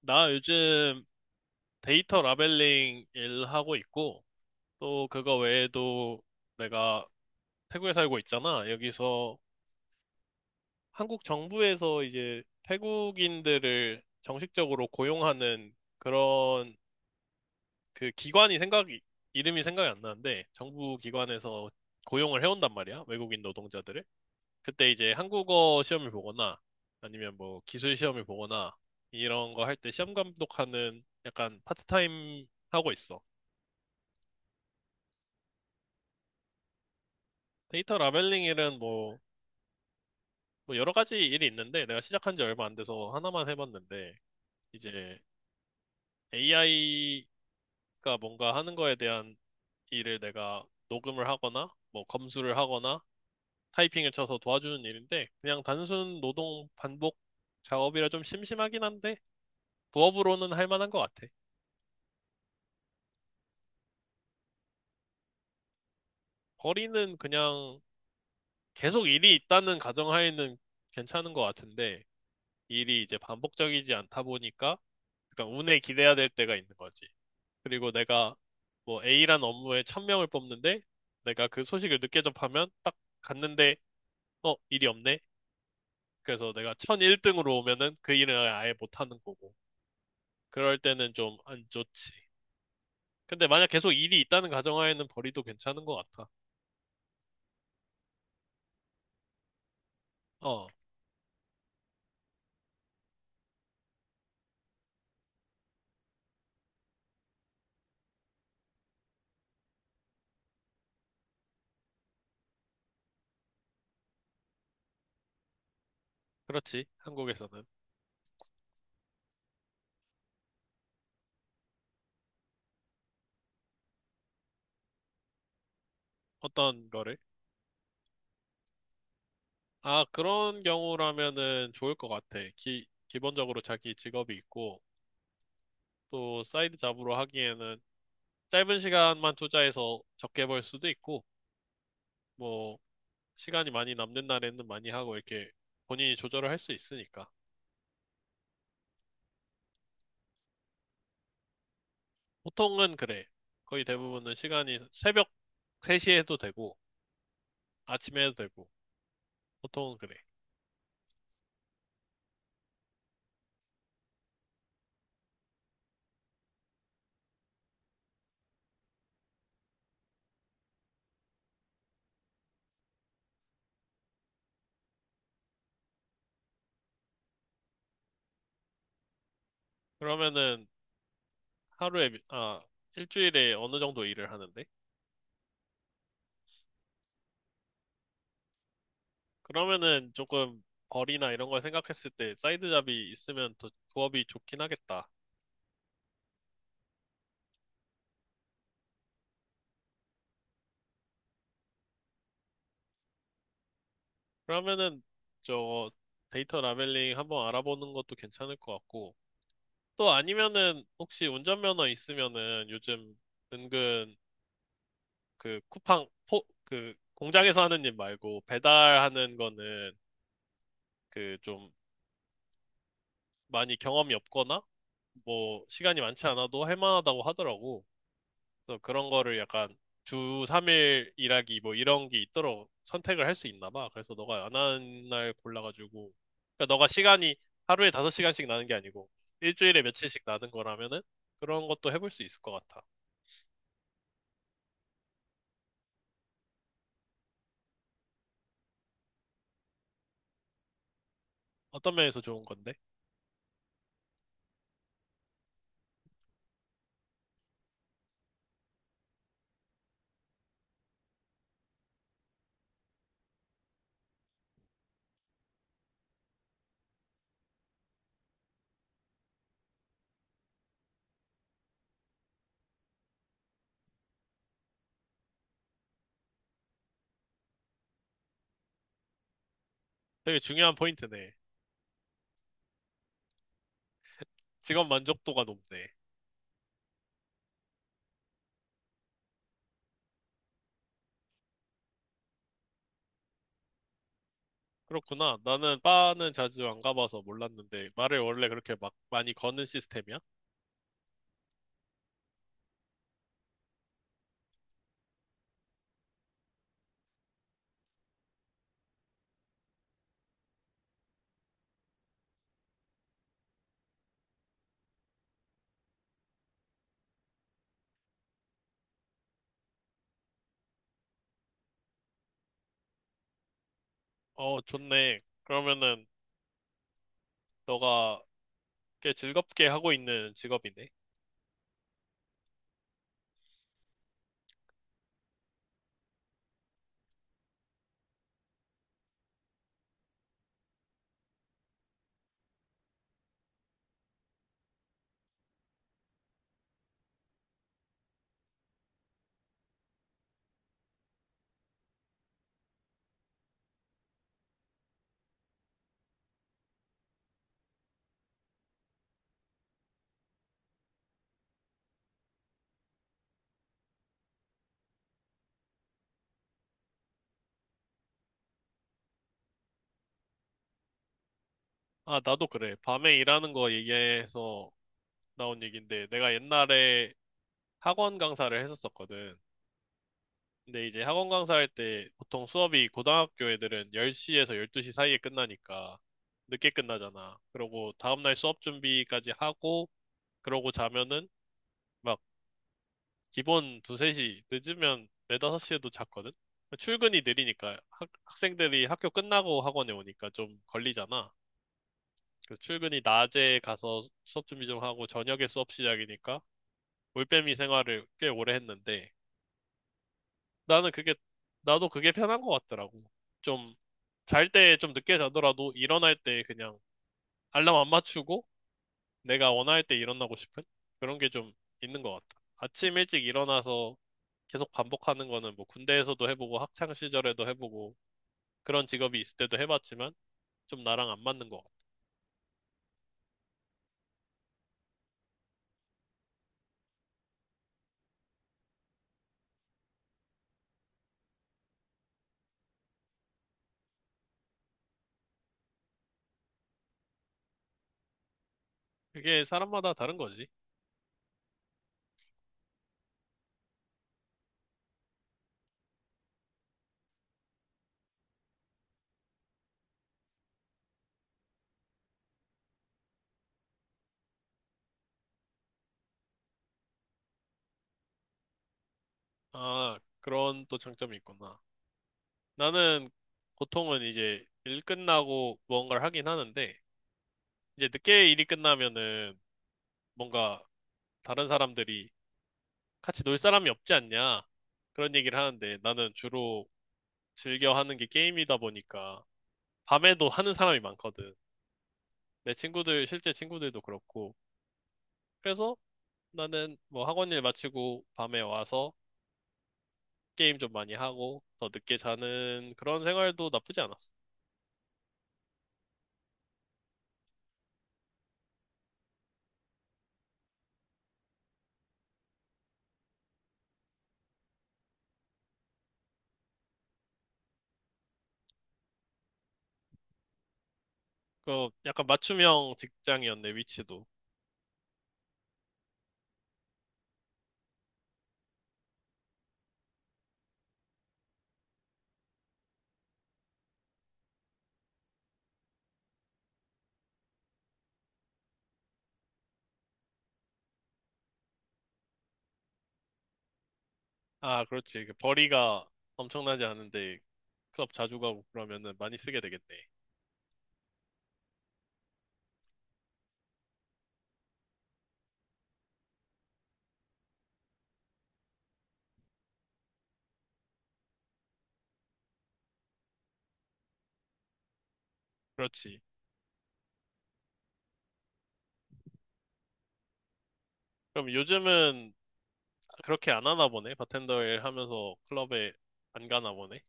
나 요즘 데이터 라벨링 일하고 있고, 또 그거 외에도 내가 태국에 살고 있잖아. 여기서 한국 정부에서 이제 태국인들을 정식적으로 고용하는 그런 그 기관이 생각이, 이름이 생각이 안 나는데, 정부 기관에서 고용을 해온단 말이야. 외국인 노동자들을. 그때 이제 한국어 시험을 보거나, 아니면 뭐 기술 시험을 보거나, 이런 거 할 때 시험 감독하는 약간 파트타임 하고 있어. 데이터 라벨링 일은 뭐, 뭐 여러 가지 일이 있는데 내가 시작한 지 얼마 안 돼서 하나만 해봤는데 이제 AI가 뭔가 하는 거에 대한 일을 내가 녹음을 하거나 뭐 검수를 하거나 타이핑을 쳐서 도와주는 일인데 그냥 단순 노동 반복 작업이라 좀 심심하긴 한데 부업으로는 할 만한 것 같아. 거리는 그냥 계속 일이 있다는 가정하에는 괜찮은 것 같은데 일이 이제 반복적이지 않다 보니까 그러니까 운에 기대야 될 때가 있는 거지. 그리고 내가 뭐 A란 업무에 1000명을 뽑는데 내가 그 소식을 늦게 접하면 딱 갔는데 어, 일이 없네. 그래서 내가 1001등으로 오면은 그 일을 아예 못하는 거고. 그럴 때는 좀 안 좋지. 근데 만약 계속 일이 있다는 가정하에는 벌이도 괜찮은 것 같아. 어, 그렇지. 한국에서는. 어떤 거를? 아, 그런 경우라면은 좋을 것 같아. 기본적으로 자기 직업이 있고 또 사이드 잡으로 하기에는 짧은 시간만 투자해서 적게 벌 수도 있고, 뭐, 시간이 많이 남는 날에는 많이 하고 이렇게 본인이 조절을 할 수 있으니까. 보통은 그래. 거의 대부분은 시간이 새벽 3시에 해도 되고, 아침에 해도 되고, 보통은 그래. 그러면은 하루에, 미- 아, 일주일에 어느 정도 일을 하는데? 그러면은 조금 벌이나 이런 걸 생각했을 때 사이드 잡이 있으면 더 부업이 좋긴 하겠다. 그러면은 저 데이터 라벨링 한번 알아보는 것도 괜찮을 것 같고, 또 아니면은 혹시 운전면허 있으면은 요즘 은근 그 그 공장에서 하는 일 말고 배달하는 거는 그 좀 많이 경험이 없거나 뭐 시간이 많지 않아도 할 만하다고 하더라고. 그래서 그런 거를 약간 주 3일 일하기 뭐 이런 게 있도록 선택을 할 수 있나 봐. 그래서 너가 안 하는 날 골라가지고 그러니까 너가 시간이 하루에 5시간씩 나는 게 아니고 일주일에 며칠씩 나는 거라면은 그런 것도 해볼 수 있을 것 같아. 어떤 면에서 좋은 건데? 되게 중요한 포인트네. 직업 만족도가 높네. 그렇구나. 나는 바는 자주 안 가봐서 몰랐는데 말을 원래 그렇게 막 많이 거는 시스템이야? 어, 좋네. 그러면은 너가 꽤 즐겁게 하고 있는 직업이네. 아, 나도 그래. 밤에 일하는 거 얘기해서 나온 얘기인데 내가 옛날에 학원 강사를 했었었거든. 근데 이제 학원 강사할 때 보통 수업이 고등학교 애들은 10시에서 12시 사이에 끝나니까 늦게 끝나잖아. 그러고 다음날 수업 준비까지 하고 그러고 자면은 막 기본 두세 시 늦으면 네다섯 시에도 잤거든. 출근이 느리니까 학생들이 학교 끝나고 학원에 오니까 좀 걸리잖아. 그래서 출근이 낮에 가서 수업 준비 좀 하고 저녁에 수업 시작이니까 올빼미 생활을 꽤 오래 했는데 나는 그게, 나도 그게 편한 것 같더라고. 좀, 잘 때 좀 늦게 자더라도 일어날 때 그냥 알람 안 맞추고 내가 원할 때 일어나고 싶은 그런 게 좀 있는 것 같다. 아침 일찍 일어나서 계속 반복하는 거는 뭐 군대에서도 해보고 학창 시절에도 해보고 그런 직업이 있을 때도 해봤지만 좀 나랑 안 맞는 것 같아. 그게 사람마다 다른 거지. 아, 그런 또 장점이 있구나. 나는 보통은 이제 일 끝나고 무언가를 하긴 하는데 이제 늦게 일이 끝나면은 뭔가 다른 사람들이 같이 놀 사람이 없지 않냐 그런 얘기를 하는데 나는 주로 즐겨 하는 게 게임이다 보니까 밤에도 하는 사람이 많거든. 내 친구들 실제 친구들도 그렇고 그래서 나는 뭐 학원 일 마치고 밤에 와서 게임 좀 많이 하고 더 늦게 자는 그런 생활도 나쁘지 않았어. 그 약간 맞춤형 직장이었네 위치도. 아 그렇지 그 벌이가 엄청나지 않은데 클럽 자주 가고 그러면은 많이 쓰게 되겠네. 그렇지. 그럼 요즘은 그렇게 안 하나 보네. 바텐더 일 하면서 클럽에 안 가나 보네.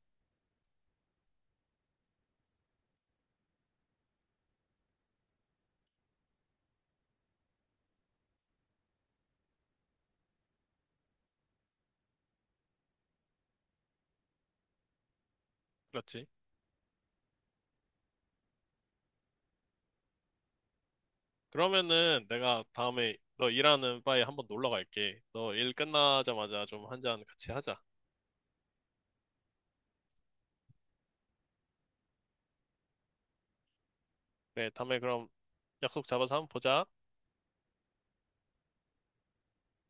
그렇지. 그러면은 내가 다음에 너 일하는 바에 한번 놀러 갈게. 너 일 끝나자마자 좀 한 잔 같이 하자. 그래, 다음에 그럼 약속 잡아서 한번 보자.